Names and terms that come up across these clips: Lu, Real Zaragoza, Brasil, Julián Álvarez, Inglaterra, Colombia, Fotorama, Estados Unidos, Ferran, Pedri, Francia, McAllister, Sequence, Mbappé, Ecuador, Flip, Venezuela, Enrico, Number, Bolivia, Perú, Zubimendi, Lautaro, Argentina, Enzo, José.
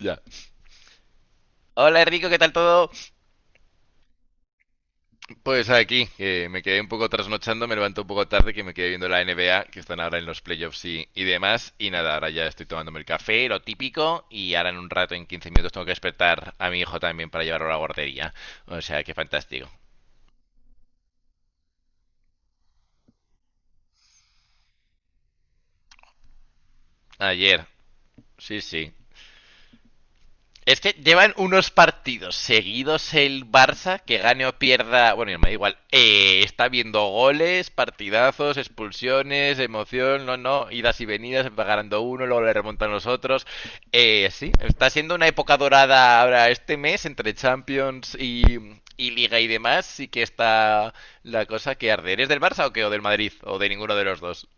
Ya. Hola Enrico, ¿qué tal todo? Pues aquí, que me quedé un poco trasnochando, me levanto un poco tarde, que me quedé viendo la NBA, que están ahora en los playoffs y demás. Y nada, ahora ya estoy tomándome el café, lo típico, y ahora en un rato, en 15 minutos, tengo que despertar a mi hijo también para llevarlo a la guardería. O sea, que fantástico. Ayer, sí, sí. Es que llevan unos partidos seguidos el Barça, que gane o pierda, bueno, me da igual, está viendo goles, partidazos, expulsiones, emoción, no, no, idas y venidas, va ganando uno, luego le remontan los otros. Sí, está siendo una época dorada ahora este mes entre Champions y Liga y demás, sí que está la cosa que arde. ¿Eres del Barça o qué? ¿O del Madrid? ¿O de ninguno de los dos?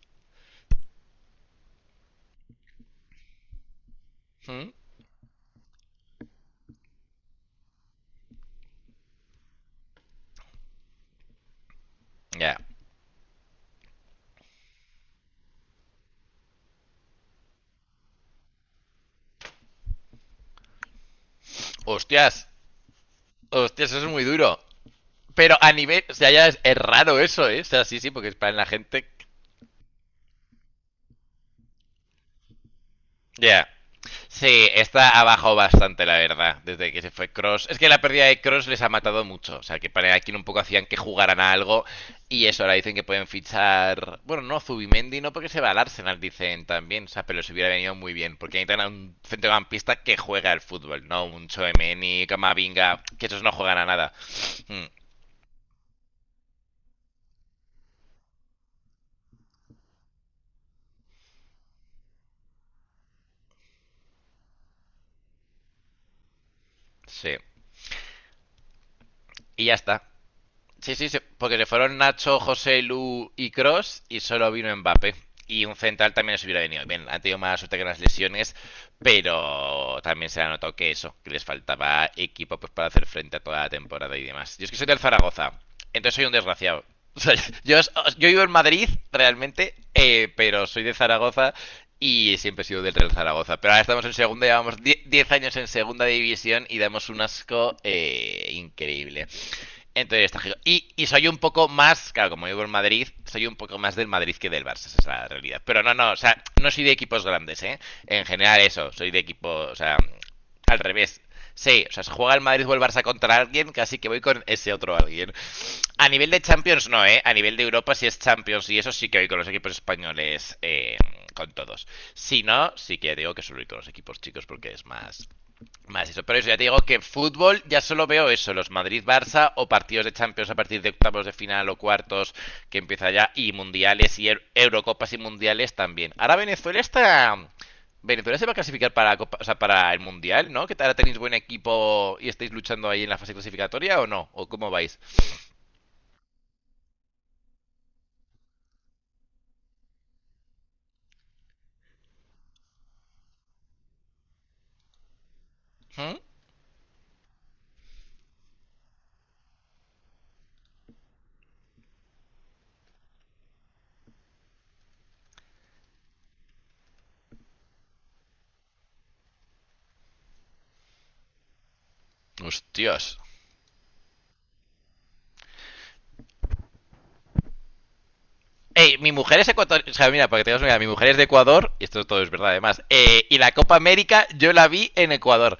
¿Mm? Ya. Yeah. Hostias, hostias, eso es muy duro. Pero a nivel. O sea, ya es raro eso, ¿eh? O sea, sí, sí, porque es para la gente. Ya. Yeah. Sí, está abajo bastante, la verdad, desde que se fue Cross. Es que la pérdida de Cross les ha matado mucho. O sea, que para aquí un poco hacían que jugaran a algo. Y eso, ahora dicen que pueden fichar. Bueno, no, Zubimendi, no porque se va al Arsenal, dicen también. O sea, pero les hubiera venido muy bien. Porque necesitan a un centrocampista que juega al fútbol, ¿no? Un Choemeni, Camavinga, que esos no juegan a nada. Mm, sí. Y ya está. Sí, sí, sí, porque le fueron Nacho, José, Lu y Cross y solo vino Mbappé. Y un central también les hubiera venido. Bien, han tenido más suerte que las lesiones, pero también se ha notado que eso, que les faltaba equipo pues, para hacer frente a toda la temporada y demás. Yo es que soy del Zaragoza, entonces soy un desgraciado. O sea, yo, yo vivo en Madrid, realmente, pero soy de Zaragoza y siempre he sido del Real Zaragoza. Pero ahora estamos en segunda, llevamos 10 años en segunda división y damos un asco increíble. Entonces está giro. Y soy un poco más, claro, como vivo en Madrid, soy un poco más del Madrid que del Barça, esa es la realidad. Pero no, no, o sea, no soy de equipos grandes, ¿eh? En general eso, soy de equipo, o sea, al revés. Sí, o sea, se juega el Madrid o el Barça contra alguien, casi que voy con ese otro alguien. A nivel de Champions no, ¿eh? A nivel de Europa sí es Champions y eso sí que voy con los equipos españoles, con todos. Si no, sí que digo que solo voy con los equipos chicos porque es más, más eso, pero eso ya te digo que fútbol ya solo veo eso, los Madrid-Barça o partidos de Champions a partir de octavos de final o cuartos que empieza ya y mundiales y Eurocopas y mundiales también. Ahora Venezuela está Venezuela se va a clasificar para la o sea, para el mundial, ¿no? ¿Que ahora tenéis buen equipo y estáis luchando ahí en la fase clasificatoria o no? ¿O cómo vais? ¿Mm? Hostias. Ey, mi mujer es ecuatoriana. O sea, mira, para que tengas una idea, mi mujer es de Ecuador, y esto todo es verdad además. Y la Copa América yo la vi en Ecuador.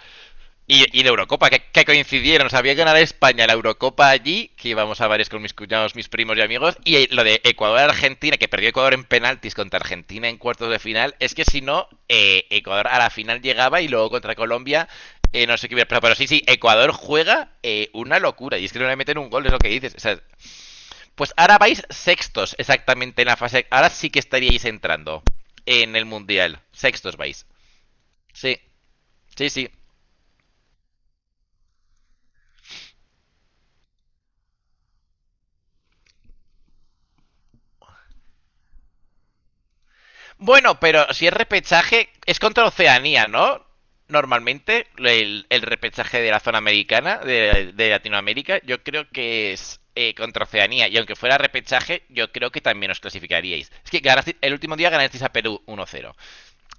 Y la Eurocopa, que coincidieron. Sabía ganar España la Eurocopa allí, que íbamos a varios con mis cuñados, mis primos y amigos. Y lo de Ecuador-Argentina, que perdió Ecuador en penaltis contra Argentina en cuartos de final. Es que si no, Ecuador a la final llegaba y luego contra Colombia, no sé qué hubiera pasado. Pero sí, sí, Ecuador juega una locura. Y es que no le meten un gol, es lo que dices. O sea, pues ahora vais sextos exactamente en la fase. Ahora sí que estaríais entrando en el Mundial. Sextos vais. Sí, sí, sí. Bueno, pero si es repechaje, es contra Oceanía, ¿no? Normalmente el repechaje de la zona americana, de Latinoamérica, yo creo que es contra Oceanía. Y aunque fuera repechaje, yo creo que también os clasificaríais. Es que el último día ganasteis a Perú 1-0.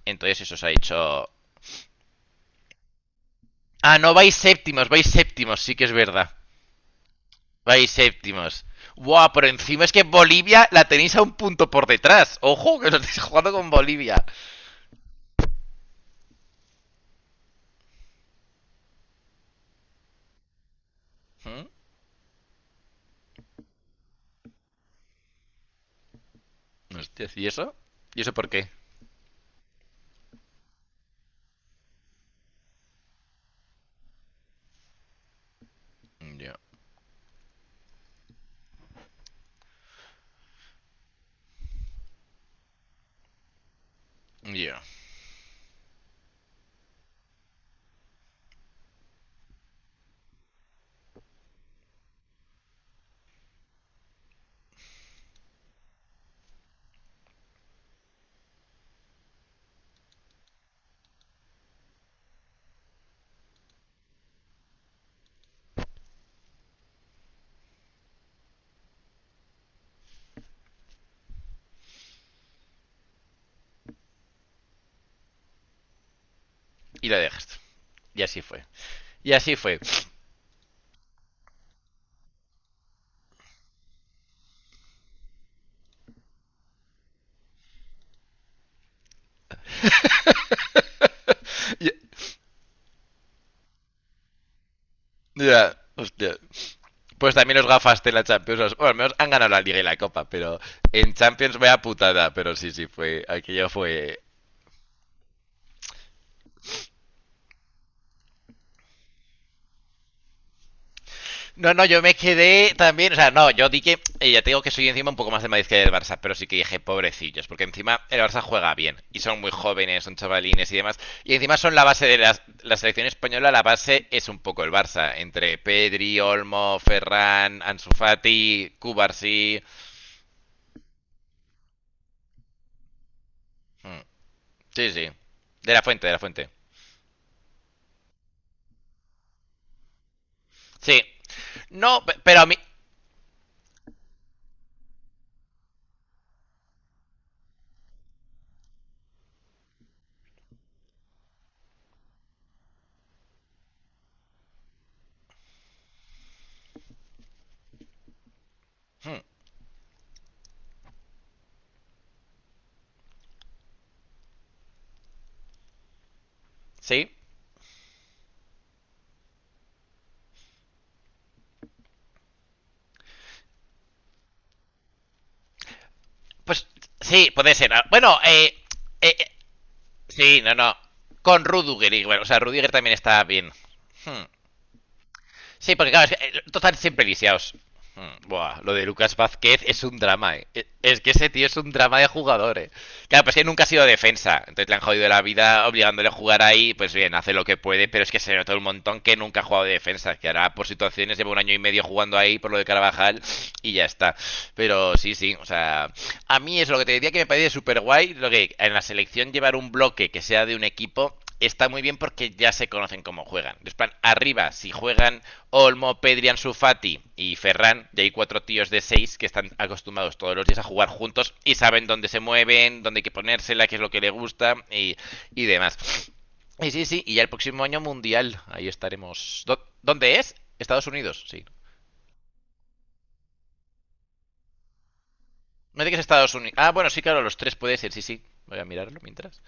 Entonces eso os ha hecho... Ah, no, vais séptimos, sí que es verdad. Vais séptimos. Buah, pero encima es que Bolivia la tenéis a un punto por detrás. Ojo, que os estáis jugando con Bolivia. ¿Mm? Hostias, ¿y eso? ¿Y eso por qué? Ya, ya. Y la dejaste. Y así fue. Y así fue. Ya, ya, hostia. Pues también los gafaste en la Champions. Bueno, al menos han ganado la Liga y la Copa, pero en Champions vaya putada. Pero sí, sí, fue. Aquello fue no, no, yo me quedé también, o sea, no, yo di que, ya te digo que soy encima un poco más del Madrid que del Barça, pero sí que dije, pobrecillos, porque encima el Barça juega bien, y son muy jóvenes, son chavalines y demás, y encima son la base de la selección española, la base es un poco el Barça, entre Pedri, Olmo, Ferran, Ansu Fati, Cubarsí, Mm, sí, sí, de la fuente, sí, no, pero a mí, Mm, sí, pues sí, puede ser. Ah, bueno, eh, sí, no, no. Con Rudiger, igual. O sea, Rudiger también está bien. Sí, porque claro, es que, siempre lisiados. Mm, buah, lo de Lucas Vázquez es un drama, eh. Es que ese tío es un drama de jugador, eh. Claro, pues que nunca ha sido defensa. Entonces le han jodido la vida obligándole a jugar ahí. Pues bien, hace lo que puede, pero es que se nota un montón que nunca ha jugado de defensa. Que ahora por situaciones lleva un año y medio jugando ahí por lo de Carvajal y ya está. Pero sí, sí, o sea, a mí es lo que te diría que me parece súper guay. Lo que en la selección llevar un bloque que sea de un equipo está muy bien porque ya se conocen cómo juegan. Después, arriba, si juegan Olmo, Pedri, Ansu Fati y Ferran, ya hay cuatro tíos de seis que están acostumbrados todos los días a jugar juntos y saben dónde se mueven, dónde hay que ponérsela, qué es lo que le gusta y demás. Y sí, sí, y ya el próximo año mundial, ahí estaremos. ¿Dónde es? Estados Unidos, sí. No dice que es Estados Unidos. Ah, bueno, sí, claro, los tres puede ser, sí, sí. Voy a mirarlo mientras.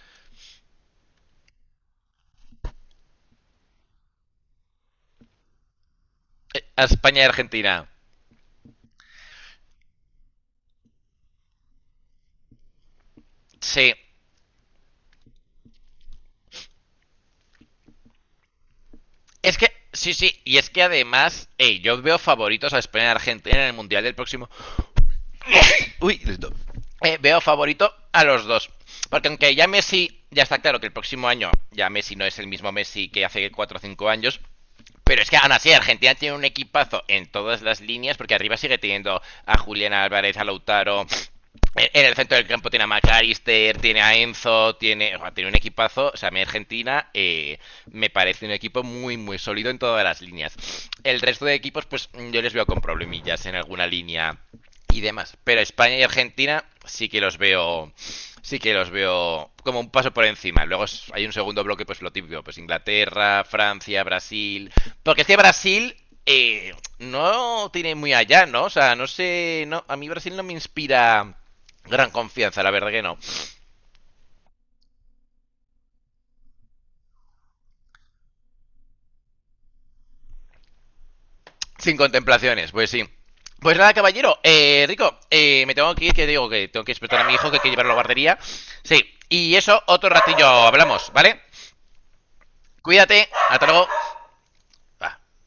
España y Argentina. Sí, es que, sí, sí, y es que además, hey yo veo favoritos a España y Argentina en el Mundial del próximo. Uy, listo. Veo favorito a los dos. Porque aunque ya Messi, ya está claro que el próximo año ya Messi no es el mismo Messi que hace 4 o 5 años. Pero es que aún así Argentina tiene un equipazo en todas las líneas porque arriba sigue teniendo a Julián Álvarez, a Lautaro. En el centro del campo tiene a McAllister, tiene a Enzo, tiene, o sea, tiene un equipazo. O sea, a mí Argentina me parece un equipo muy, muy sólido en todas las líneas. El resto de equipos, pues yo les veo con problemillas en alguna línea y demás. Pero España y Argentina sí que los veo, sí que los veo como un paso por encima. Luego hay un segundo bloque, pues lo típico, pues Inglaterra, Francia, Brasil. Porque es que Brasil eh, no tiene muy allá, ¿no? O sea, no sé, no, a mí Brasil no me inspira gran confianza, la verdad que no. Sin contemplaciones, pues sí. Pues nada, caballero, Rico, me tengo que ir, que digo que tengo que despertar a mi hijo, que hay que llevarlo a la guardería. Sí, y eso otro ratillo hablamos, ¿vale? Cuídate, hasta luego. Bah.